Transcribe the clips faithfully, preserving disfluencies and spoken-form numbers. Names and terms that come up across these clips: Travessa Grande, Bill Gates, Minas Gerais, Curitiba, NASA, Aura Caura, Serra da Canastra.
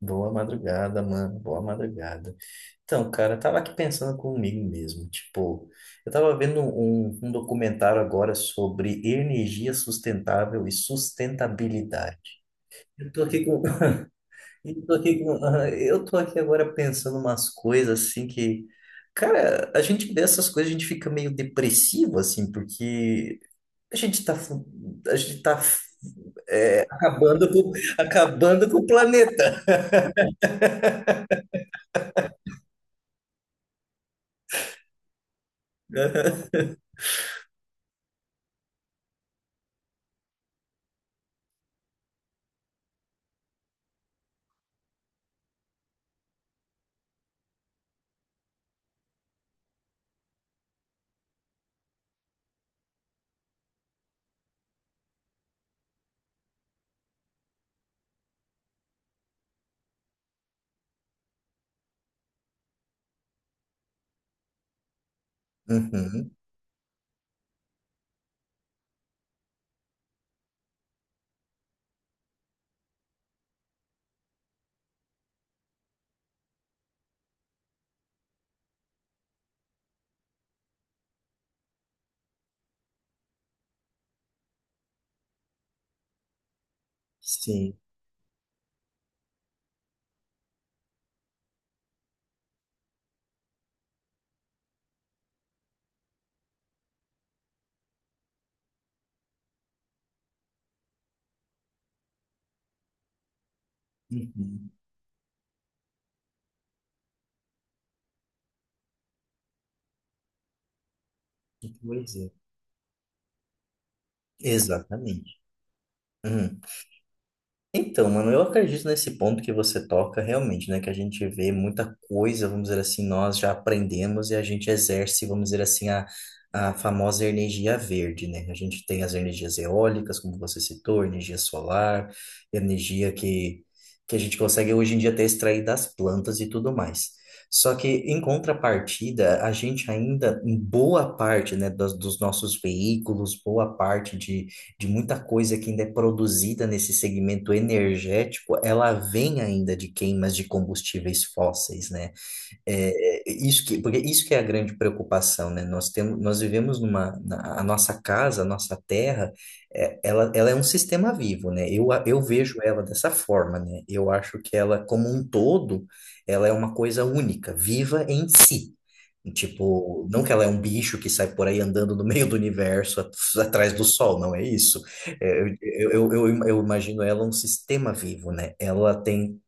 Boa madrugada, mano. Boa madrugada. Então, cara, eu tava aqui pensando comigo mesmo. Tipo, eu tava vendo um, um documentário agora sobre energia sustentável e sustentabilidade. Eu tô aqui com, eu tô aqui com, ah, eu tô aqui agora pensando umas coisas assim que, cara, a gente vê essas coisas, a gente fica meio depressivo, assim, porque a gente tá, fu- a gente tá, é, acabando com, acabando com o planeta. Uhum, sim. Uhum. Pois é. Exatamente. Uhum. Então, mano, eu acredito nesse ponto que você toca realmente, né? Que a gente vê muita coisa, vamos dizer assim, nós já aprendemos e a gente exerce, vamos dizer assim, a, a famosa energia verde, né? A gente tem as energias eólicas, como você citou, energia solar, energia que, que a gente consegue hoje em dia até extrair das plantas e tudo mais. Só que, em contrapartida, a gente ainda, em boa parte, né, dos, dos nossos veículos, boa parte de de muita coisa que ainda é produzida nesse segmento energético, ela vem ainda de queimas de combustíveis fósseis, né? É, é, isso que, porque isso que é a grande preocupação, né? Nós temos, nós vivemos numa, na, a nossa casa, a nossa terra, é, ela, ela é um sistema vivo, né? Eu, a- eu vejo ela dessa forma, né? Eu acho que ela, como um todo, ela é uma coisa única, viva em si. Tipo, não que ela é um bicho que sai por aí andando no meio do universo, at- atrás do sol, não é isso. É, Eu, eu, eu, eu imagino ela um sistema vivo, né? Ela tem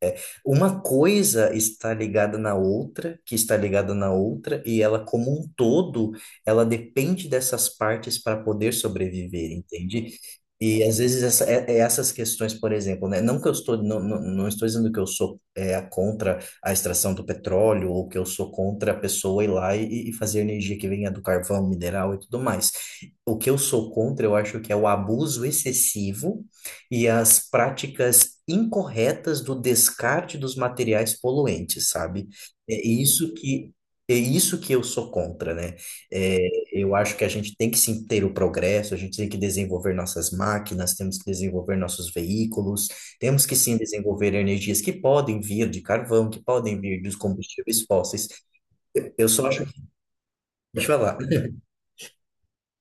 uma coisa está ligada na outra, que está ligada na outra, e ela como um todo, ela depende dessas partes para poder sobreviver, entende? E às vezes essa- é- é essas questões, por exemplo, né? Não que eu estou, não, não, não estou dizendo que eu sou é, a contra a extração do petróleo ou que eu sou contra a pessoa ir lá e, e fazer energia que venha do carvão, mineral e tudo mais. O que eu sou contra, eu acho que é o abuso excessivo e as práticas incorretas do descarte dos materiais poluentes, sabe? É isso que é isso que eu sou contra, né? É, eu acho que a gente tem que sim ter o progresso, a gente tem que desenvolver nossas máquinas, temos que desenvolver nossos veículos, temos que sim desenvolver energias que podem vir de carvão, que podem vir dos combustíveis fósseis. Eu eu só acho que. Deixa eu falar.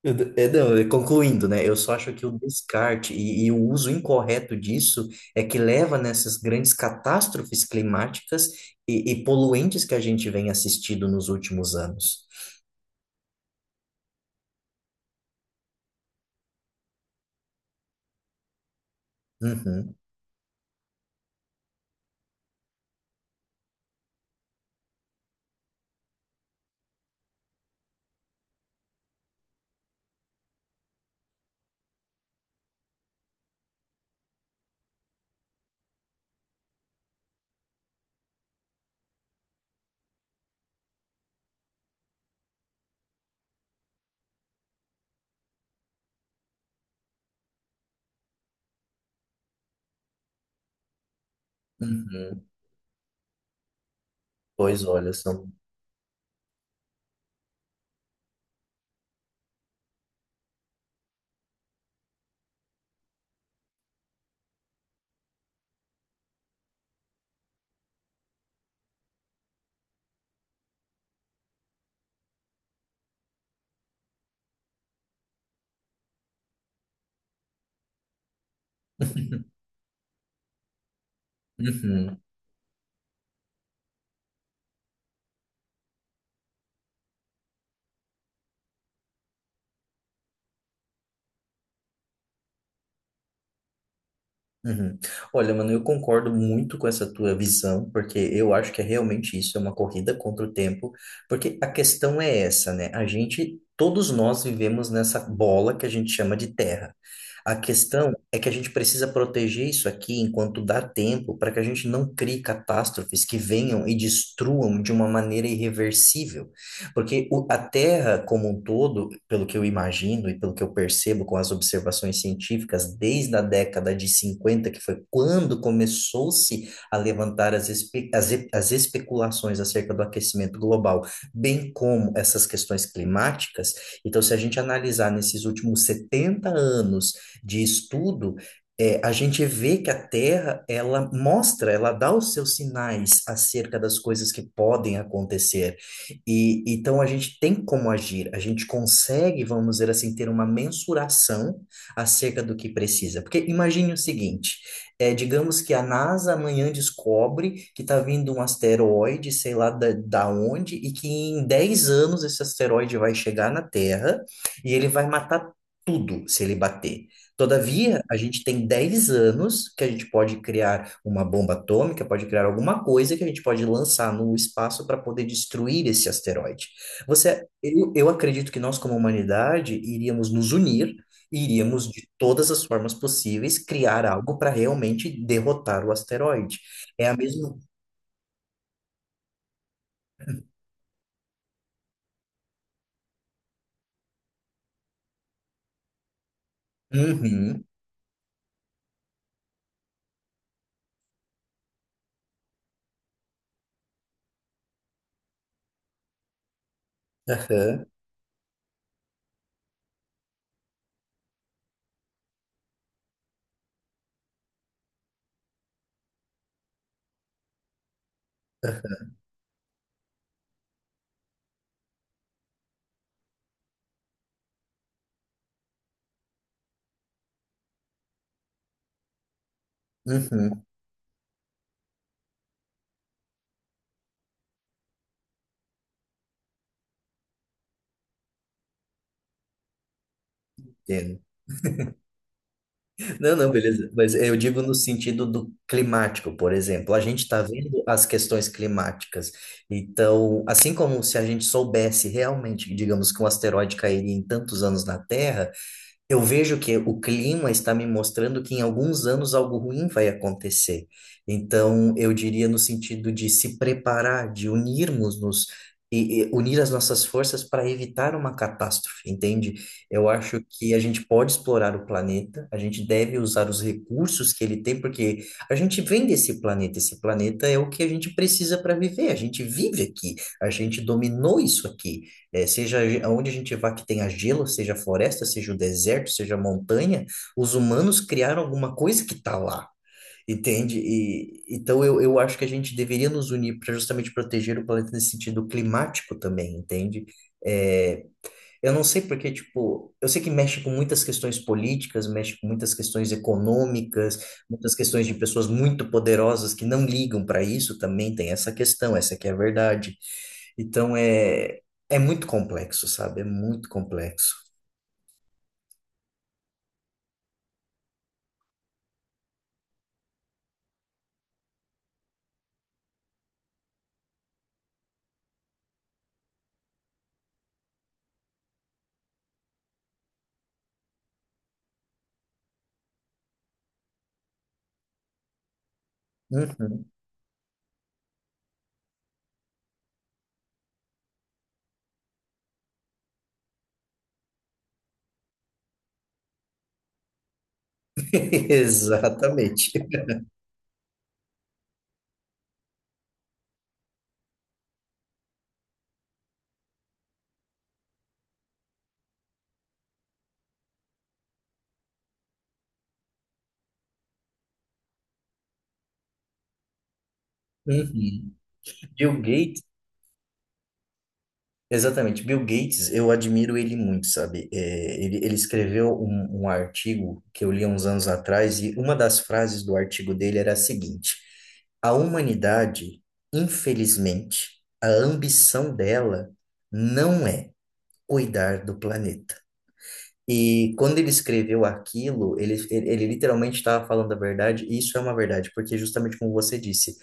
Eu d- é, não, é, concluindo, né? Eu só acho que o descarte e, e o uso incorreto disso é que leva nessas grandes catástrofes climáticas e, e poluentes que a gente vem assistindo nos últimos anos. Uhum, uhum. Pois olha, são. Uhum. Uhum. Olha, mano, eu concordo muito com essa tua visão, porque eu acho que é realmente isso, é uma corrida contra o tempo, porque a questão é essa, né? A gente, todos nós vivemos nessa bola que a gente chama de terra. A questão é que a gente precisa proteger isso aqui enquanto dá tempo, para que a gente não crie catástrofes que venham e destruam de uma maneira irreversível. Porque o- a Terra como um todo, pelo que eu imagino e pelo que eu percebo com as observações científicas, desde a década de cinquenta, que foi quando começou-se a levantar as, espe- as, e- as especulações acerca do aquecimento global, bem como essas questões climáticas. Então, se a gente analisar nesses últimos setenta anos de estudo, é, a gente vê que a Terra, ela mostra, ela dá os seus sinais acerca das coisas que podem acontecer. E então a gente tem como agir, a gente consegue, vamos dizer assim, ter uma mensuração acerca do que precisa. Porque imagine o seguinte, é, digamos que a NASA amanhã descobre que está vindo um asteroide, sei lá da, da onde, e que em dez anos esse asteroide vai chegar na Terra e ele vai matar tudo se ele bater. Todavia, a gente tem dez anos que a gente pode criar uma bomba atômica, pode criar alguma coisa que a gente pode lançar no espaço para poder destruir esse asteroide. Você, eu, eu acredito que nós, como humanidade, iríamos nos unir, e iríamos, de todas as formas possíveis, criar algo para realmente derrotar o asteroide. É a mesma. Uhum, aham, uhum, entendo. Não, não, beleza. Mas eu digo no sentido do climático, por exemplo. A gente está vendo as questões climáticas. Então, assim como se a gente soubesse realmente, digamos, que um asteroide cairia em tantos anos na Terra, eu vejo que o clima está me mostrando que em alguns anos algo ruim vai acontecer. Então, eu diria no sentido de se preparar, de unirmos-nos e, e unir as nossas forças para evitar uma catástrofe, entende? Eu acho que a gente pode explorar o planeta, a gente deve usar os recursos que ele tem, porque a gente vem desse planeta, esse planeta é o que a gente precisa para viver, a gente vive aqui, a gente dominou isso aqui. É, seja onde a gente vá que tenha gelo, seja floresta, seja o deserto, seja montanha, os humanos criaram alguma coisa que está lá, entende? E, então eu, eu acho que a gente deveria nos unir para justamente proteger o planeta nesse sentido climático também, entende? É, eu não sei porque, tipo, eu sei que mexe com muitas questões políticas, mexe com muitas questões econômicas, muitas questões de pessoas muito poderosas que não ligam para isso, também tem essa questão, essa que é a verdade. Então é, é muito complexo, sabe? É muito complexo. Uhum. Exatamente. Uhum. Bill Gates, Exatamente. Bill Gates, eu admiro ele muito, sabe? É, ele, ele escreveu um, um artigo que eu li há uns anos atrás, e uma das frases do artigo dele era a seguinte: a humanidade, infelizmente, a ambição dela não é cuidar do planeta. E quando ele escreveu aquilo, ele, ele, ele literalmente estava falando a verdade, e isso é uma verdade, porque justamente como você disse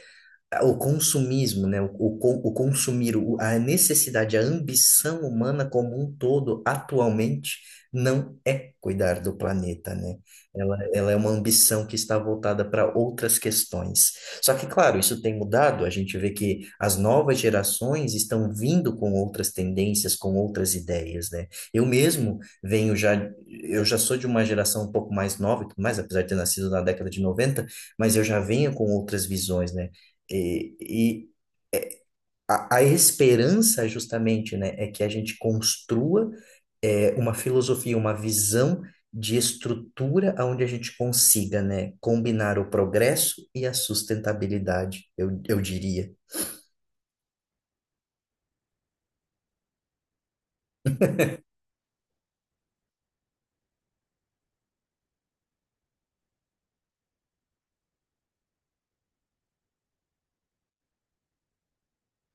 o consumismo, né? O, o, con- o consumir, o- a necessidade, a ambição humana como um todo, atualmente, não é cuidar do planeta, né? Ela, ela é uma ambição que está voltada para outras questões. Só que, claro, isso tem mudado, a gente vê que as novas gerações estão vindo com outras tendências, com outras ideias, né? Eu mesmo venho já, eu já sou de uma geração um pouco mais nova, e tudo mais apesar de ter nascido na década de noventa, mas eu já venho com outras visões, né? E, e a, a esperança, justamente, né, é que a gente construa é, uma filosofia, uma visão de estrutura onde a gente consiga, né, combinar o progresso e a sustentabilidade, eu, eu diria.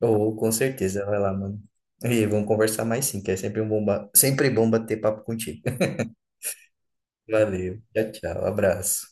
Ou, com certeza, vai lá, mano. E vamos conversar mais sim, que é sempre um bom, ba- sempre bom bater papo contigo. Valeu, tchau, tchau, abraço.